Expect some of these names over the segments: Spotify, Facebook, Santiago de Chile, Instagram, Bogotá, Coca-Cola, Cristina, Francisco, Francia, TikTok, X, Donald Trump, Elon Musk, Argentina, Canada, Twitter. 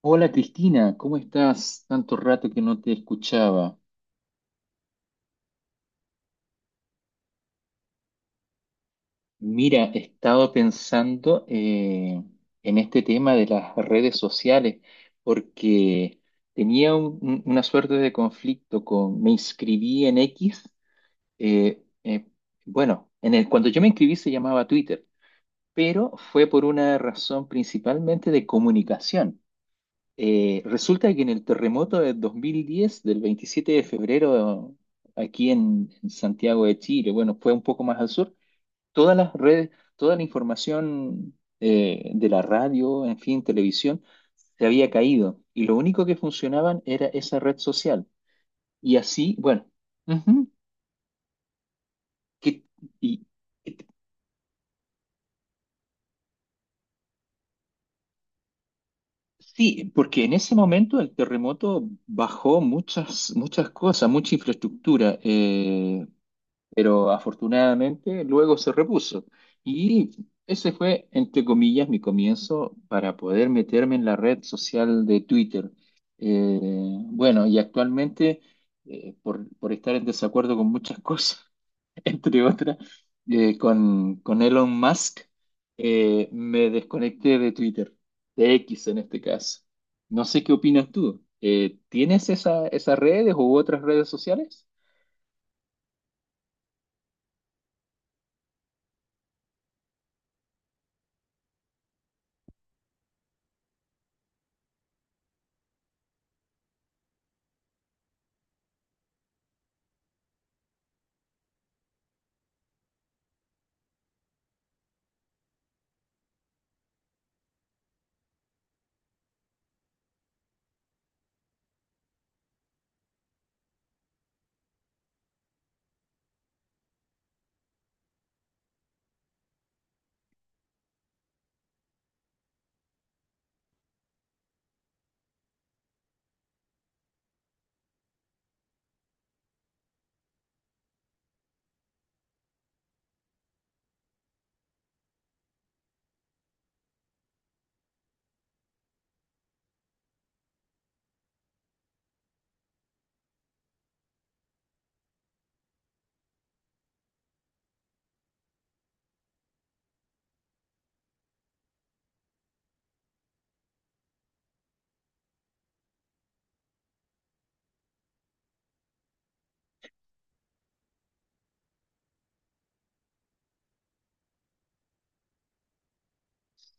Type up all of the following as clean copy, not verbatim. Hola Cristina, ¿cómo estás? Tanto rato que no te escuchaba. Mira, he estado pensando en este tema de las redes sociales porque tenía una suerte de conflicto con, me inscribí en X, eh, eh, bueno, en el, cuando yo me inscribí se llamaba Twitter, pero fue por una razón principalmente de comunicación. Resulta que en el terremoto del 2010, del 27 de febrero, aquí en Santiago de Chile, bueno, fue un poco más al sur, todas las redes, toda la información de la radio, en fin, televisión, se había caído y lo único que funcionaban era esa red social. Y así, bueno, ujú, que, y, y- sí, porque en ese momento el terremoto bajó muchas, muchas cosas, mucha infraestructura. Pero afortunadamente luego se repuso. Y ese fue, entre comillas, mi comienzo para poder meterme en la red social de Twitter. Eh, bueno, y actualmente, por estar en desacuerdo con muchas cosas, entre otras, con Elon Musk, me desconecté de Twitter, de X en este caso. No sé qué opinas tú. ¿Tienes esas redes u otras redes sociales?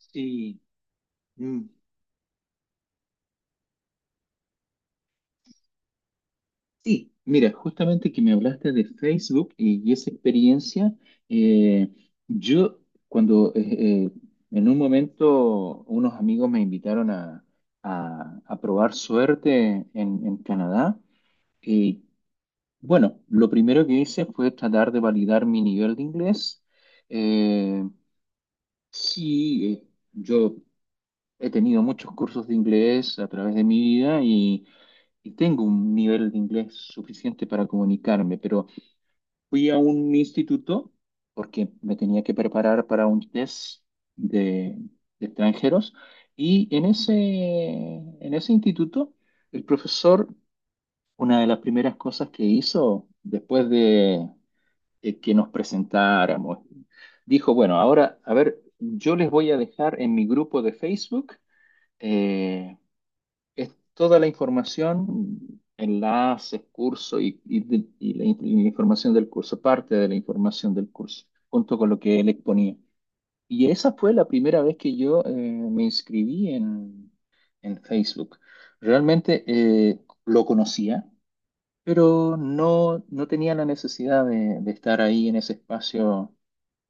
Sí. Mm. Sí, mira, justamente que me hablaste de Facebook y esa experiencia, eh, yo cuando en un momento unos amigos me invitaron a probar suerte en Canadá, y bueno, lo primero que hice fue tratar de validar mi nivel de inglés. Eh, sí, yo he tenido muchos cursos de inglés a través de mi vida y tengo un nivel de inglés suficiente para comunicarme, pero... Fui a un instituto porque me tenía que preparar para un test de, de extranjeros y en en ese instituto el profesor, una de las primeras cosas que hizo después de que nos presentáramos, dijo, bueno, ahora, a ver, yo les voy a dejar en mi grupo de Facebook. eh, es toda la información, enlaces, curso y y la información del curso, parte de la información del curso, junto con lo que él exponía. Y esa fue la primera vez que yo me inscribí en Facebook. Realmente eh, lo conocía, pero no tenía la necesidad de estar ahí en ese espacio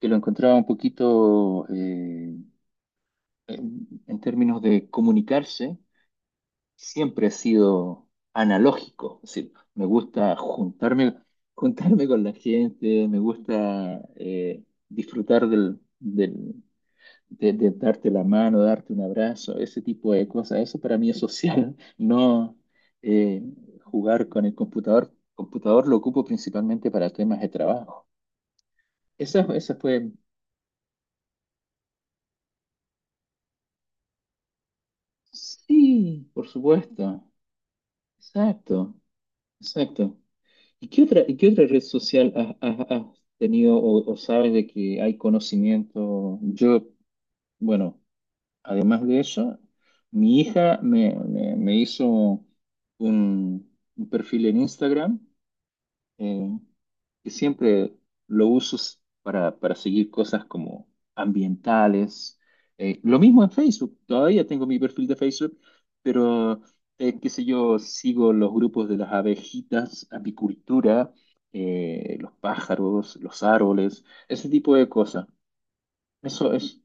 que lo encontraba un poquito en términos de comunicarse siempre he sido analógico, es decir, me gusta juntarme, juntarme con la gente, me gusta disfrutar de darte la mano, darte un abrazo, ese tipo de cosas. Eso para mí es social, no eh, jugar con el computador. Computador lo ocupo principalmente para temas de trabajo. Esa fue... Sí, por supuesto. Exacto, exacto. Y qué otra red social has tenido o sabes de que hay conocimiento? Yo, bueno, además de eso, mi hija me hizo un, un perfil en Instagram eh, que siempre lo uso para seguir cosas como ambientales. Lo mismo en Facebook, todavía tengo mi perfil de Facebook, pero qué sé yo, sigo los grupos de las abejitas, apicultura, los pájaros, los árboles, ese tipo de cosas. Eso es,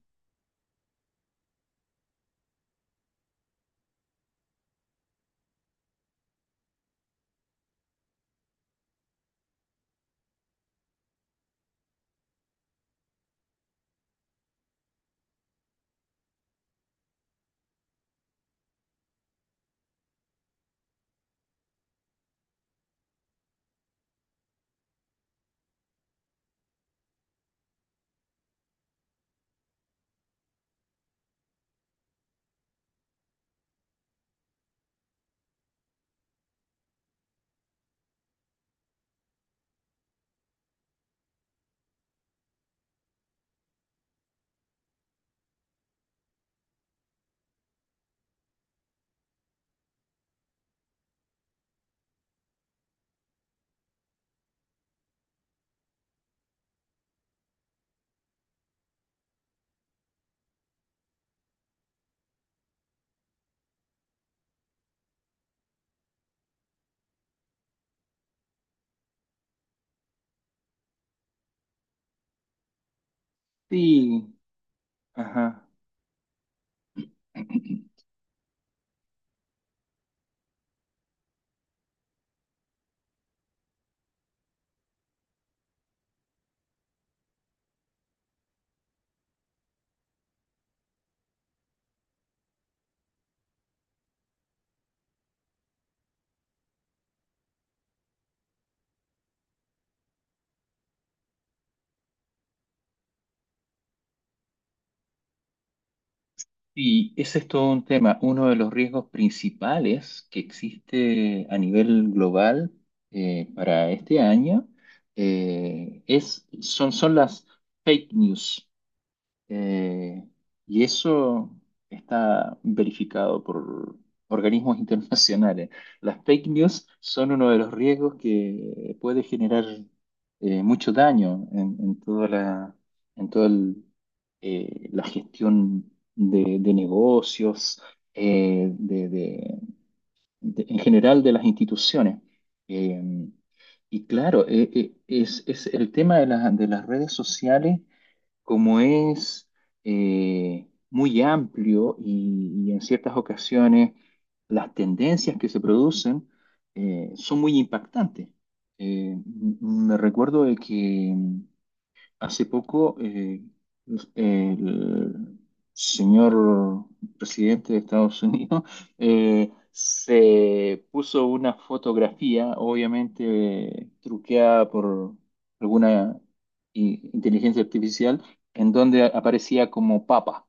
sí, ajá. Y ese es todo un tema. Uno de los riesgos principales que existe a nivel global para este año son las fake news. Eh, y eso está verificado por organismos internacionales. Las fake news son uno de los riesgos que puede generar mucho daño en toda en toda el, la gestión de- negocios, eh, de, de- en general de las instituciones. Eh, y claro, es el tema de de las redes sociales como es muy amplio y en ciertas ocasiones las tendencias que se producen son muy impactantes. Me recuerdo de que hace poco, el señor presidente de Estados Unidos se puso una fotografía, obviamente truqueada por alguna inteligencia artificial, en donde aparecía como papa.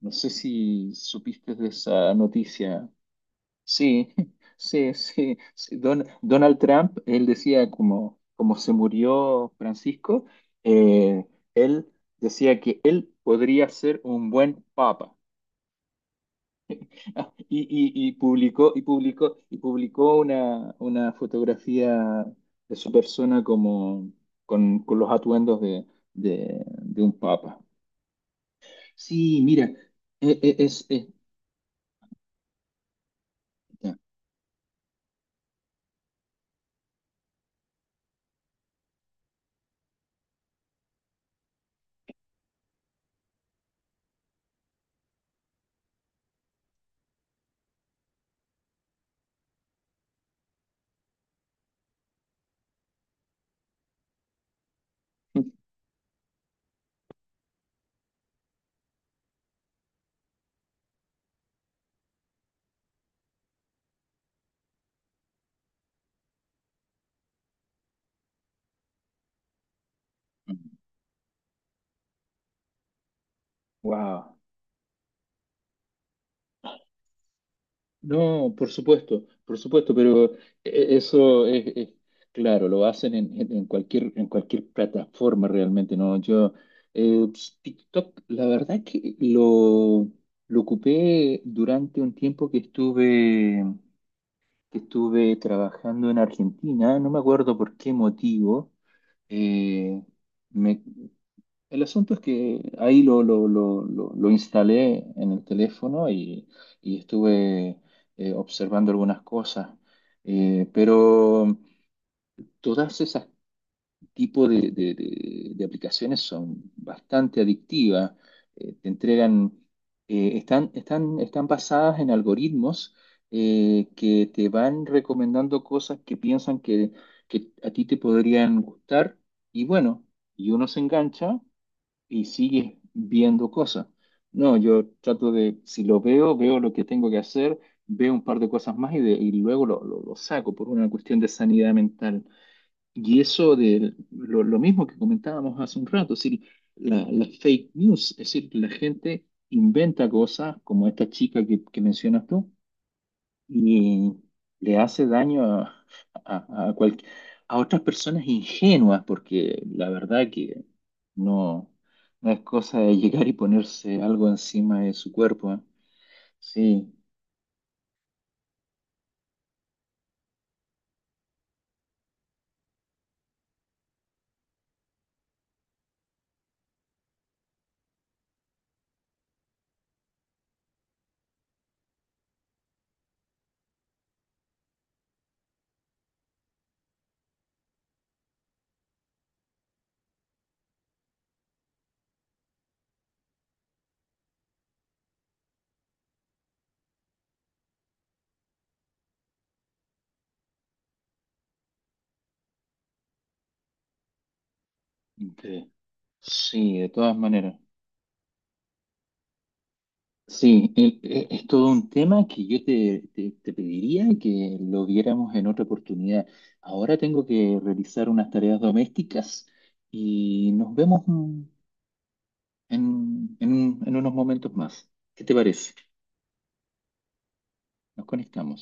No sé si supiste de esa noticia. Sí, sí, sí, sí. Donald Trump, él decía como, como se murió Francisco, eh, él decía que él podría ser un buen papa. Ah, y publicó, y publicó, y publicó una fotografía de su persona como con los atuendos de un papa. Sí, mira, es, ya. Wow. No, por supuesto, pero e- eso es, es- claro, lo hacen en cualquier plataforma realmente, ¿no? Yo, TikTok, la verdad que lo ocupé durante un tiempo que estuve trabajando en Argentina, no me acuerdo por qué motivo, eh, me, el asunto es que ahí lo instalé en el teléfono y estuve observando algunas cosas. Pero todas esas tipos de aplicaciones son bastante adictivas. Te entregan, están basadas en algoritmos que te van recomendando cosas que a ti te podrían gustar y bueno, y uno se engancha y sigues viendo cosas. No, yo trato de, si lo veo, veo lo que tengo que hacer, veo un par de cosas más y luego lo saco por una cuestión de sanidad mental. Y eso de lo mismo que comentábamos hace un rato, es decir, la fake news, es decir, la gente inventa cosas como esta chica que mencionas tú y le hace daño a, a cual- a otras personas ingenuas, porque la verdad que no, no es cosa de llegar y ponerse algo encima de su cuerpo, ¿eh? Sí, de, sí, de todas maneras. Sí, es todo un tema que yo te pediría que lo viéramos en otra oportunidad. Ahora tengo que realizar unas tareas domésticas y nos vemos en unos momentos más. ¿Qué te parece? Nos conectamos.